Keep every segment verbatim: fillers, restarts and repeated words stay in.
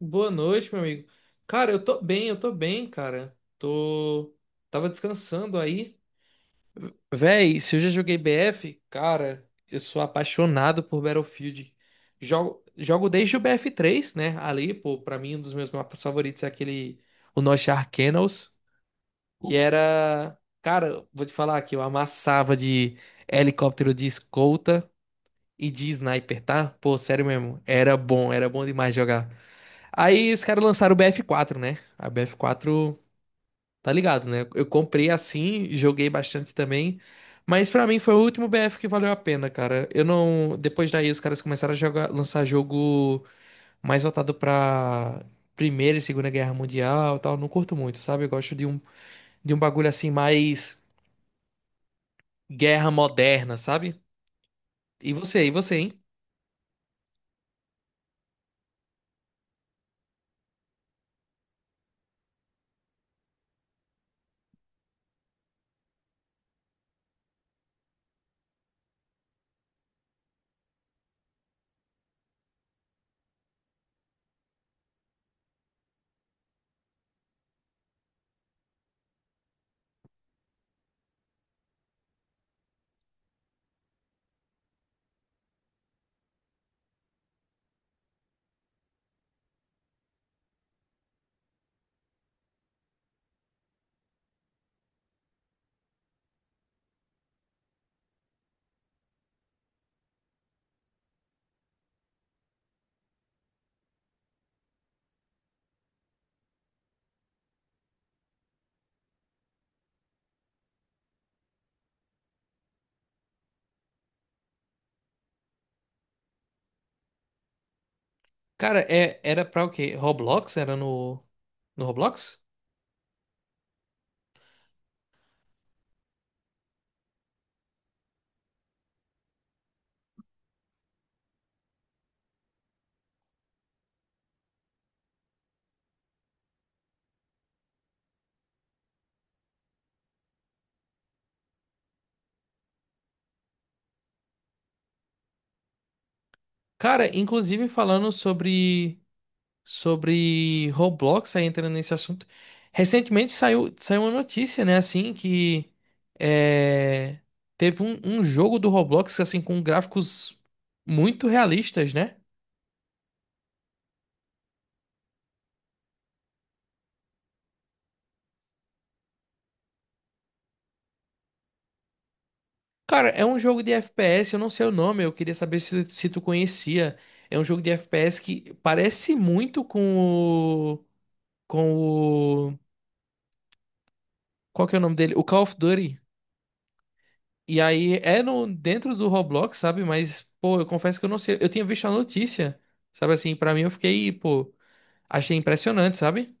Boa noite, meu amigo. Cara, eu tô bem, eu tô bem, cara. Tô. Tava descansando aí. Véi, se eu já joguei B F, cara, eu sou apaixonado por Battlefield. Jogo, jogo desde o B F três, né? Ali, pô, pra mim, um dos meus mapas favoritos é aquele. O Nosh Arcanos, que era. Cara, vou te falar que eu amassava de helicóptero de escolta e de sniper, tá? Pô, sério mesmo. Era bom, era bom demais jogar. Aí os caras lançaram o B F quatro, né? A B F quatro, tá ligado, né? Eu comprei assim, joguei bastante também. Mas pra mim foi o último B F que valeu a pena, cara. Eu não. Depois daí os caras começaram a jogar, lançar jogo mais voltado pra Primeira e Segunda Guerra Mundial e tal. Não curto muito, sabe? Eu gosto de um, de um, bagulho assim mais guerra moderna, sabe? E você, e você, hein? Cara, é, era pra o quê? Roblox? Era no, no Roblox? Cara, inclusive falando sobre sobre Roblox, aí entrando nesse assunto. Recentemente saiu, saiu uma notícia, né, assim, que é, teve um, um jogo do Roblox, assim, com gráficos muito realistas, né? Cara, é um jogo de F P S, eu não sei o nome, eu queria saber se, se tu conhecia. É um jogo de F P S que parece muito com o... com o... qual que é o nome dele? O Call of Duty. E aí é no, dentro do Roblox, sabe? Mas, pô, eu confesso que eu não sei. Eu tinha visto a notícia, sabe assim? Pra mim eu fiquei, pô, achei impressionante, sabe?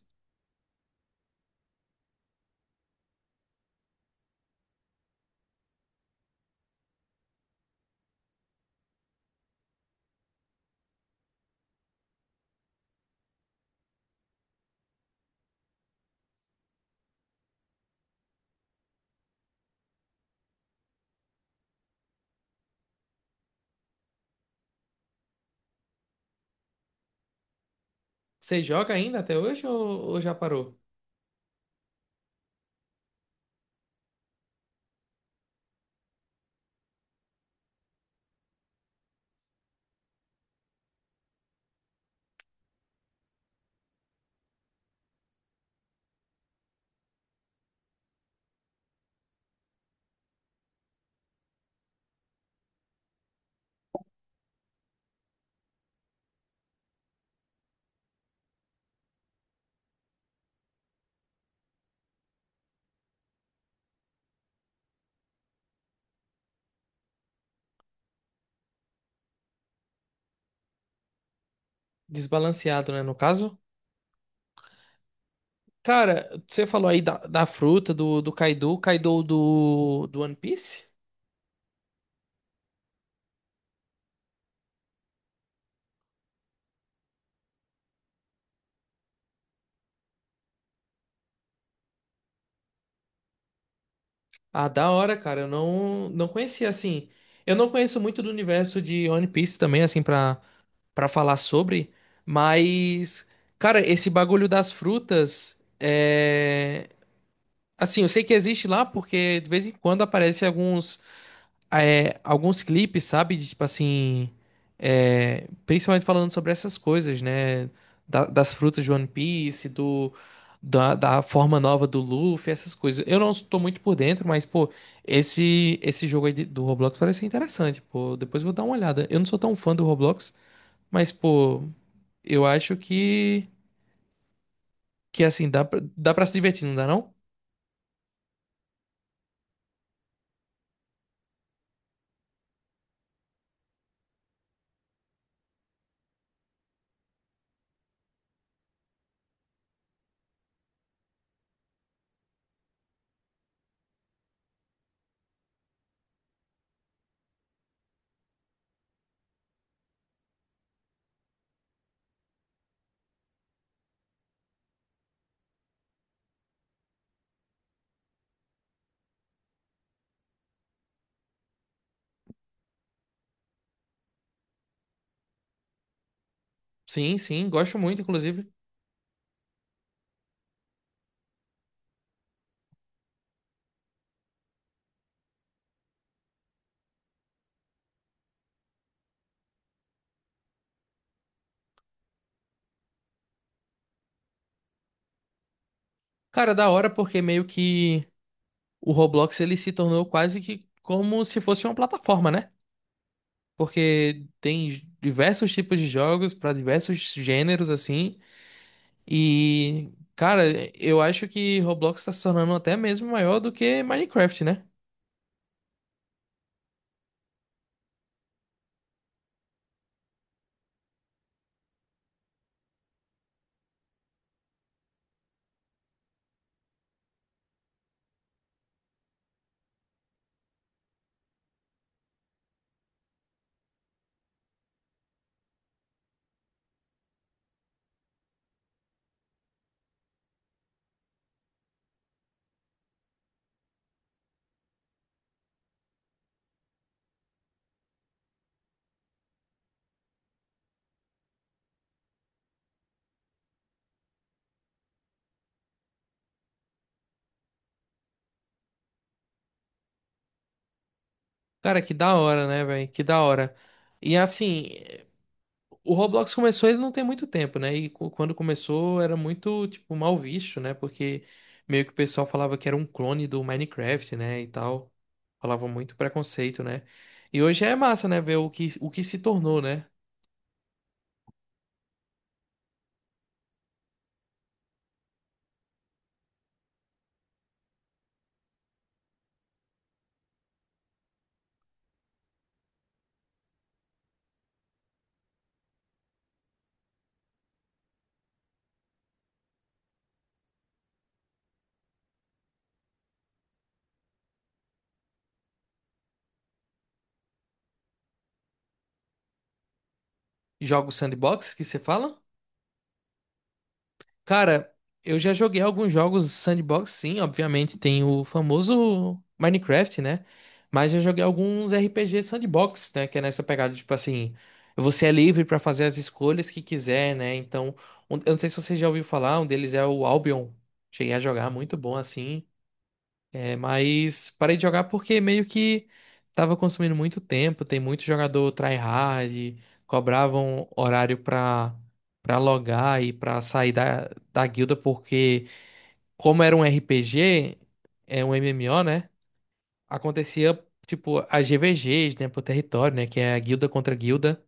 Você joga ainda até hoje ou, ou já parou? Desbalanceado, né? No caso. Cara, você falou aí da, da, fruta, do, do Kaido, Kaido do, do One Piece? Ah, da hora, cara. Eu não, não conhecia, assim. Eu não conheço muito do universo de One Piece também, assim, pra. Para falar sobre, mas, cara, esse bagulho das frutas é. Assim, eu sei que existe lá porque de vez em quando aparecem alguns, é, alguns clipes, sabe? De, tipo assim. É, principalmente falando sobre essas coisas, né? Da- das frutas de One Piece, do, da, da forma nova do Luffy, essas coisas. Eu não estou muito por dentro, mas, pô, esse, esse jogo aí de- do Roblox parece ser interessante, pô. Depois eu vou dar uma olhada. Eu não sou tão fã do Roblox, mas, pô. Eu acho que que assim dá pra, dá para se divertir, não dá não? Sim, sim, gosto muito, inclusive. Cara, da hora porque meio que o Roblox ele se tornou quase que como se fosse uma plataforma, né? Porque tem diversos tipos de jogos pra diversos gêneros assim. E cara, eu acho que Roblox tá se tornando até mesmo maior do que Minecraft, né? Cara, que da hora, né, velho? Que da hora. E assim, o Roblox começou, ele não tem muito tempo, né? E cu- quando começou era muito, tipo, mal visto, né? Porque meio que o pessoal falava que era um clone do Minecraft, né? E tal. Falava muito preconceito, né? E hoje é massa, né? Ver o que, o que se tornou, né? Jogos sandbox que você fala? Cara, eu já joguei alguns jogos sandbox, sim, obviamente tem o famoso Minecraft, né? Mas já joguei alguns R P G sandbox, né? Que é nessa pegada, tipo assim, você é livre pra fazer as escolhas que quiser, né? Então, um- eu não sei se você já ouviu falar, um deles é o Albion. Cheguei a jogar, muito bom, assim. É, mas parei de jogar porque meio que tava consumindo muito tempo. Tem muito jogador tryhard, cobravam horário pra, pra, logar e pra sair da, da guilda, porque como era um R P G, é um M M O, né? Acontecia tipo as G V Gs, né, por território, né, que é a guilda contra guilda.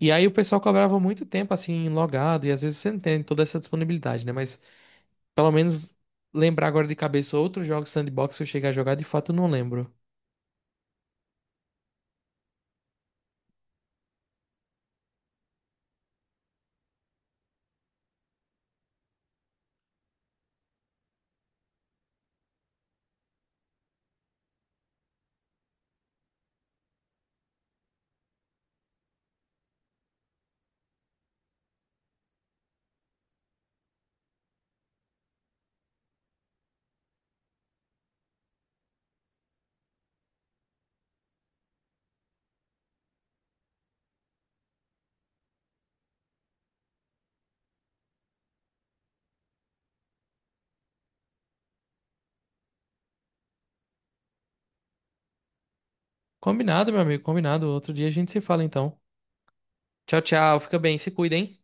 E aí o pessoal cobrava muito tempo assim logado e às vezes você não tem toda essa disponibilidade, né? Mas pelo menos lembrar agora de cabeça outros jogos sandbox que eu cheguei a jogar, de fato eu não lembro. Combinado, meu amigo, combinado. Outro dia a gente se fala então. Tchau, tchau. Fica bem, se cuida, hein?